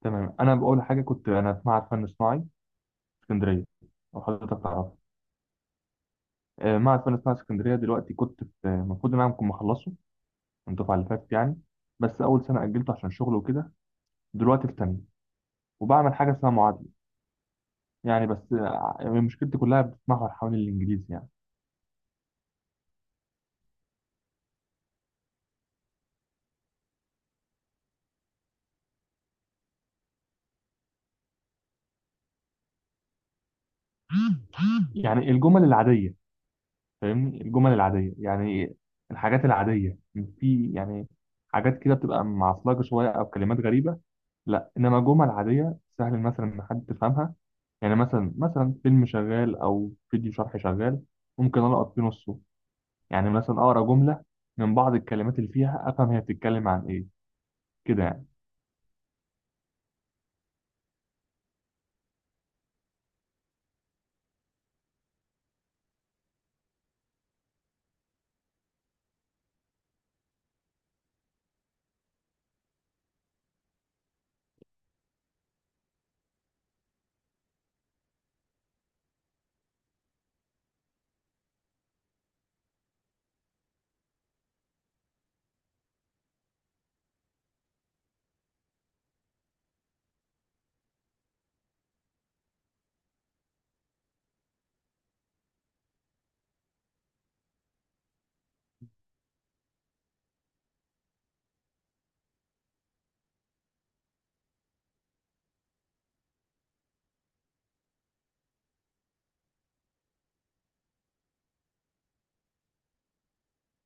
تمام، انا بقول حاجه. كنت انا في معهد فن صناعي اسكندريه، او حضرتك تعرفه؟ معهد فن صناعي اسكندريه دلوقتي. كنت في المفروض ان انا كنت مخلصه من الدفعه اللي فاتت يعني، بس اول سنه اجلته عشان شغل وكده. دلوقتي في تانيه وبعمل حاجه اسمها معادله. يعني بس مشكلتي كلها بتتمحور حوالين الانجليزي يعني. يعني الجمل العاديه فاهمني، الجمل العاديه يعني، الحاجات العاديه. في يعني حاجات كده بتبقى معصلجه شويه او كلمات غريبه. لا، انما جمل عاديه سهل مثلا ان حد تفهمها. يعني مثلا فيلم شغال او فيديو شرح شغال، ممكن القط فيه نصه. يعني مثلا اقرا جمله، من بعض الكلمات اللي فيها افهم هي بتتكلم عن ايه كده يعني.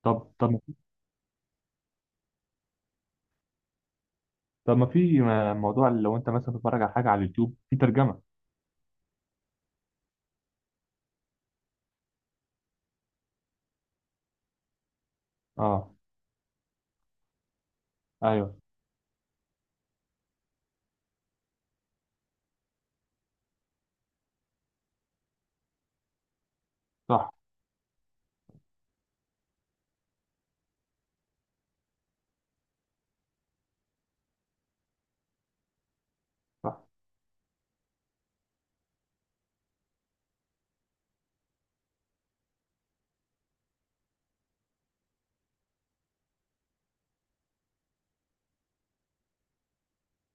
طب طب طب ما في موضوع اللي لو انت مثلا بتتفرج على حاجه على اليوتيوب في ترجمه. اه. ايوه. صح، صح.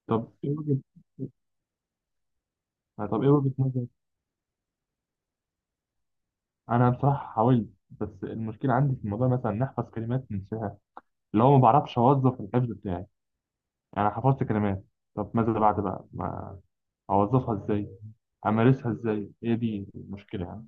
طب ايه وجهه طب ايه وجهه نظرك؟ انا بصراحه حاولت، بس المشكله عندي في الموضوع مثلا ان احفظ كلمات ننساها. اللي هو ما بعرفش اوظف الحفظ بتاعي يعني. أنا حفظت كلمات، طب ماذا بعد بقى؟ ما اوظفها ازاي؟ امارسها ازاي؟ هي دي المشكله يعني.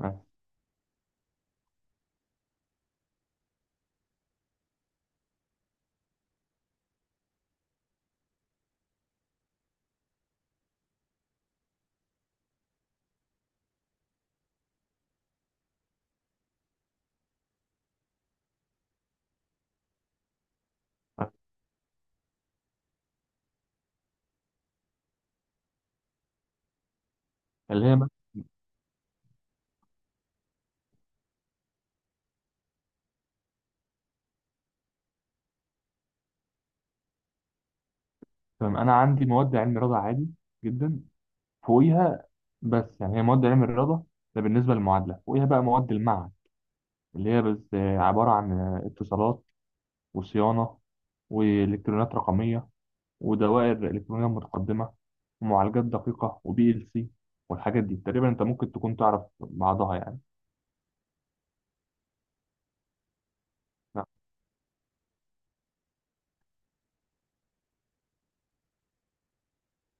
آه. آه. اللي هي مثلا. تمام، انا عندي مواد علم رياضه عادي جدا فوقيها. بس يعني هي مواد علم الرياضه. ده بالنسبه للمعادله. فوقيها بقى مواد المعهد اللي هي بس عباره عن اتصالات وصيانه والكترونيات رقميه ودوائر الكترونيه متقدمه ومعالجات دقيقه وبي ال سي، والحاجات دي تقريبا انت ممكن تكون تعرف بعضها يعني. لا،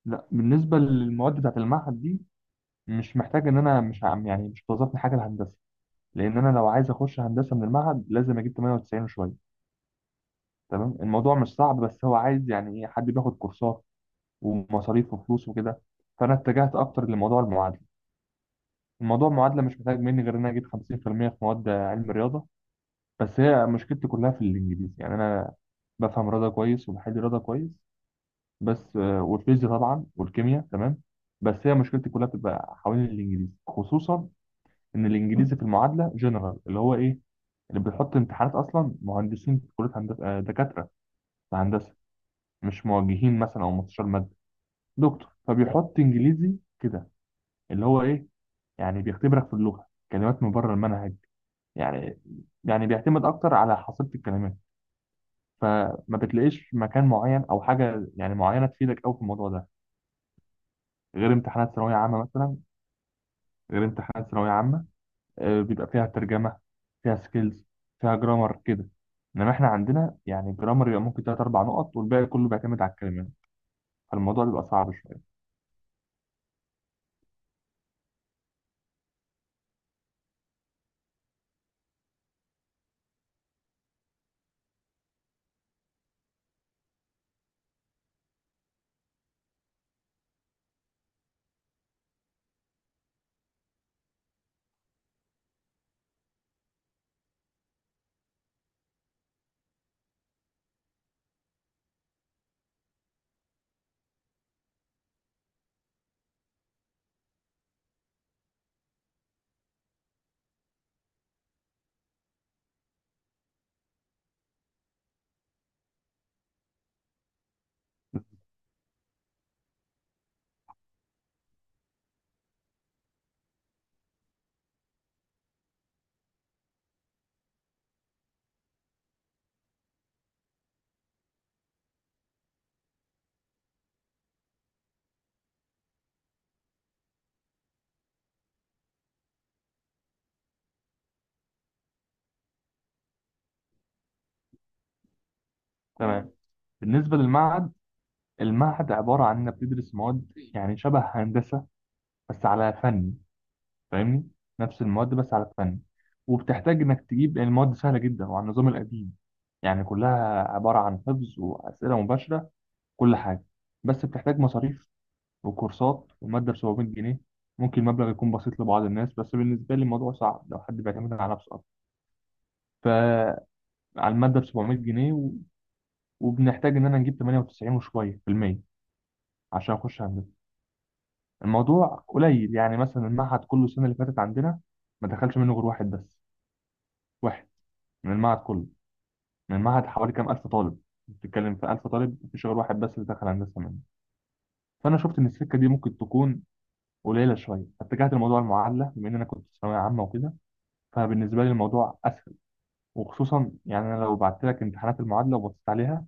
لا، بالنسبه للمواد بتاعت المعهد دي، مش محتاج ان انا مش عم يعني مش بتوظفني حاجه الهندسه. لان انا لو عايز اخش هندسه من المعهد لازم اجيب 98 وشويه. تمام، الموضوع مش صعب بس هو عايز يعني ايه، حد بياخد كورسات ومصاريف وفلوس وكده. فانا اتجهت اكتر لموضوع المعادله. الموضوع المعادله مش محتاج مني غير ان انا اجيب 50% في المية في مواد علم الرياضه. بس هي مشكلتي كلها في الانجليزي يعني. انا بفهم رياضه كويس وبحل رياضه كويس. بس والفيزياء طبعا والكيمياء تمام. بس هي مشكلتي كلها بتبقى حوالين الانجليزي، خصوصا ان الانجليزي في المعادله جنرال، اللي هو ايه؟ اللي بيحط امتحانات اصلا مهندسين في كليه هندسه، دكاتره في هندسه، مش موجهين مثلا او مستشار ماده دكتور. فبيحط انجليزي كده، اللي هو ايه؟ يعني بيختبرك في اللغه، كلمات من بره المنهج يعني. يعني بيعتمد اكتر على حصيله الكلمات. فما بتلاقيش مكان معين او حاجه يعني معينه تفيدك قوي في الموضوع ده، غير امتحانات ثانويه عامه مثلا غير امتحانات ثانويه عامه، بيبقى فيها ترجمة، فيها سكيلز، فيها جرامر كده. انما احنا عندنا يعني جرامر يبقى ممكن تلات اربع نقط، والباقي كله بيعتمد على الكلمات. فالموضوع بيبقى صعب شوية. تمام. بالنسبة للمعهد، المعهد عبارة عن انك بتدرس مواد يعني شبه هندسة بس على فن. فاهمني، نفس المواد بس على فن. وبتحتاج انك تجيب يعني. المواد سهلة جدا وعلى النظام القديم، يعني كلها عبارة عن حفظ وأسئلة مباشرة، كل حاجة. بس بتحتاج مصاريف وكورسات ومادة ب 700 جنيه. ممكن المبلغ يكون بسيط لبعض الناس، بس بالنسبة لي الموضوع صعب لو حد بيعتمد على نفسه أكتر. على المادة ب 700 جنيه و وبنحتاج إن أنا نجيب 98 وشوية في المية عشان أخش هندسة. الموضوع قليل يعني. مثلا المعهد كله السنة اللي فاتت عندنا ما دخلش منه غير واحد بس. واحد من المعهد كله، من المعهد حوالي كام ألف طالب. بتتكلم في 1000 طالب، مفيش غير واحد بس اللي دخل هندسة منه. فأنا شفت إن السكة دي ممكن تكون قليلة شوية، فاتجهت لموضوع المعادلة بما إن أنا كنت في ثانوية عامة وكده. فبالنسبة لي الموضوع أسهل. وخصوصا يعني، انا لو بعت لك امتحانات المعادله وبصيت عليها،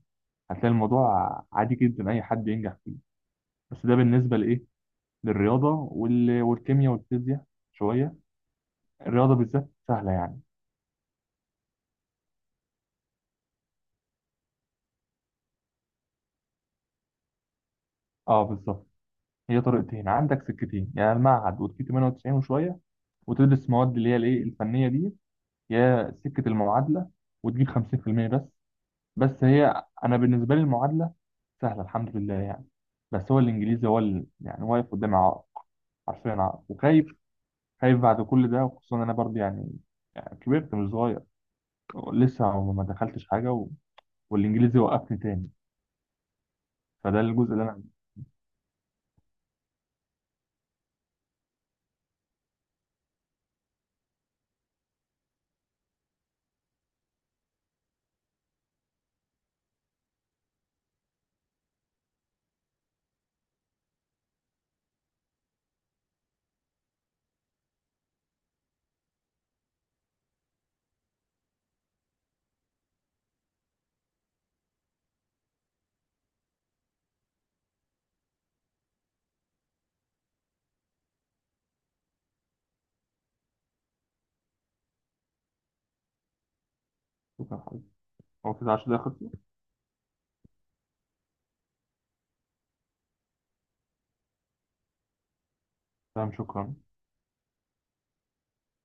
هتلاقي الموضوع عادي جدا، اي حد ينجح فيه. بس ده بالنسبه لايه، للرياضه والكيمياء والفيزياء شويه. الرياضه بالذات سهله يعني. اه، بالظبط. هي طريقتين عندك سكتين، يعني المعهد وتجيب 98 وشويه وتدرس مواد اللي هي الايه الفنيه دي، يا سكه المعادله وتجيب 50% بس. بس هي انا بالنسبه لي المعادله سهله الحمد لله يعني. بس هو الانجليزي هو اللي يعني واقف قدامي عائق، حرفيا عائق. وخايف، خايف بعد كل ده، وخصوصا انا برضه يعني. يعني كبرت مش صغير، لسه ما دخلتش حاجه والانجليزي وقفني تاني. فده الجزء اللي انا عايزه. شكرا حبيبي. هو كده 10 دقايق خلصوا. تمام، شكرا.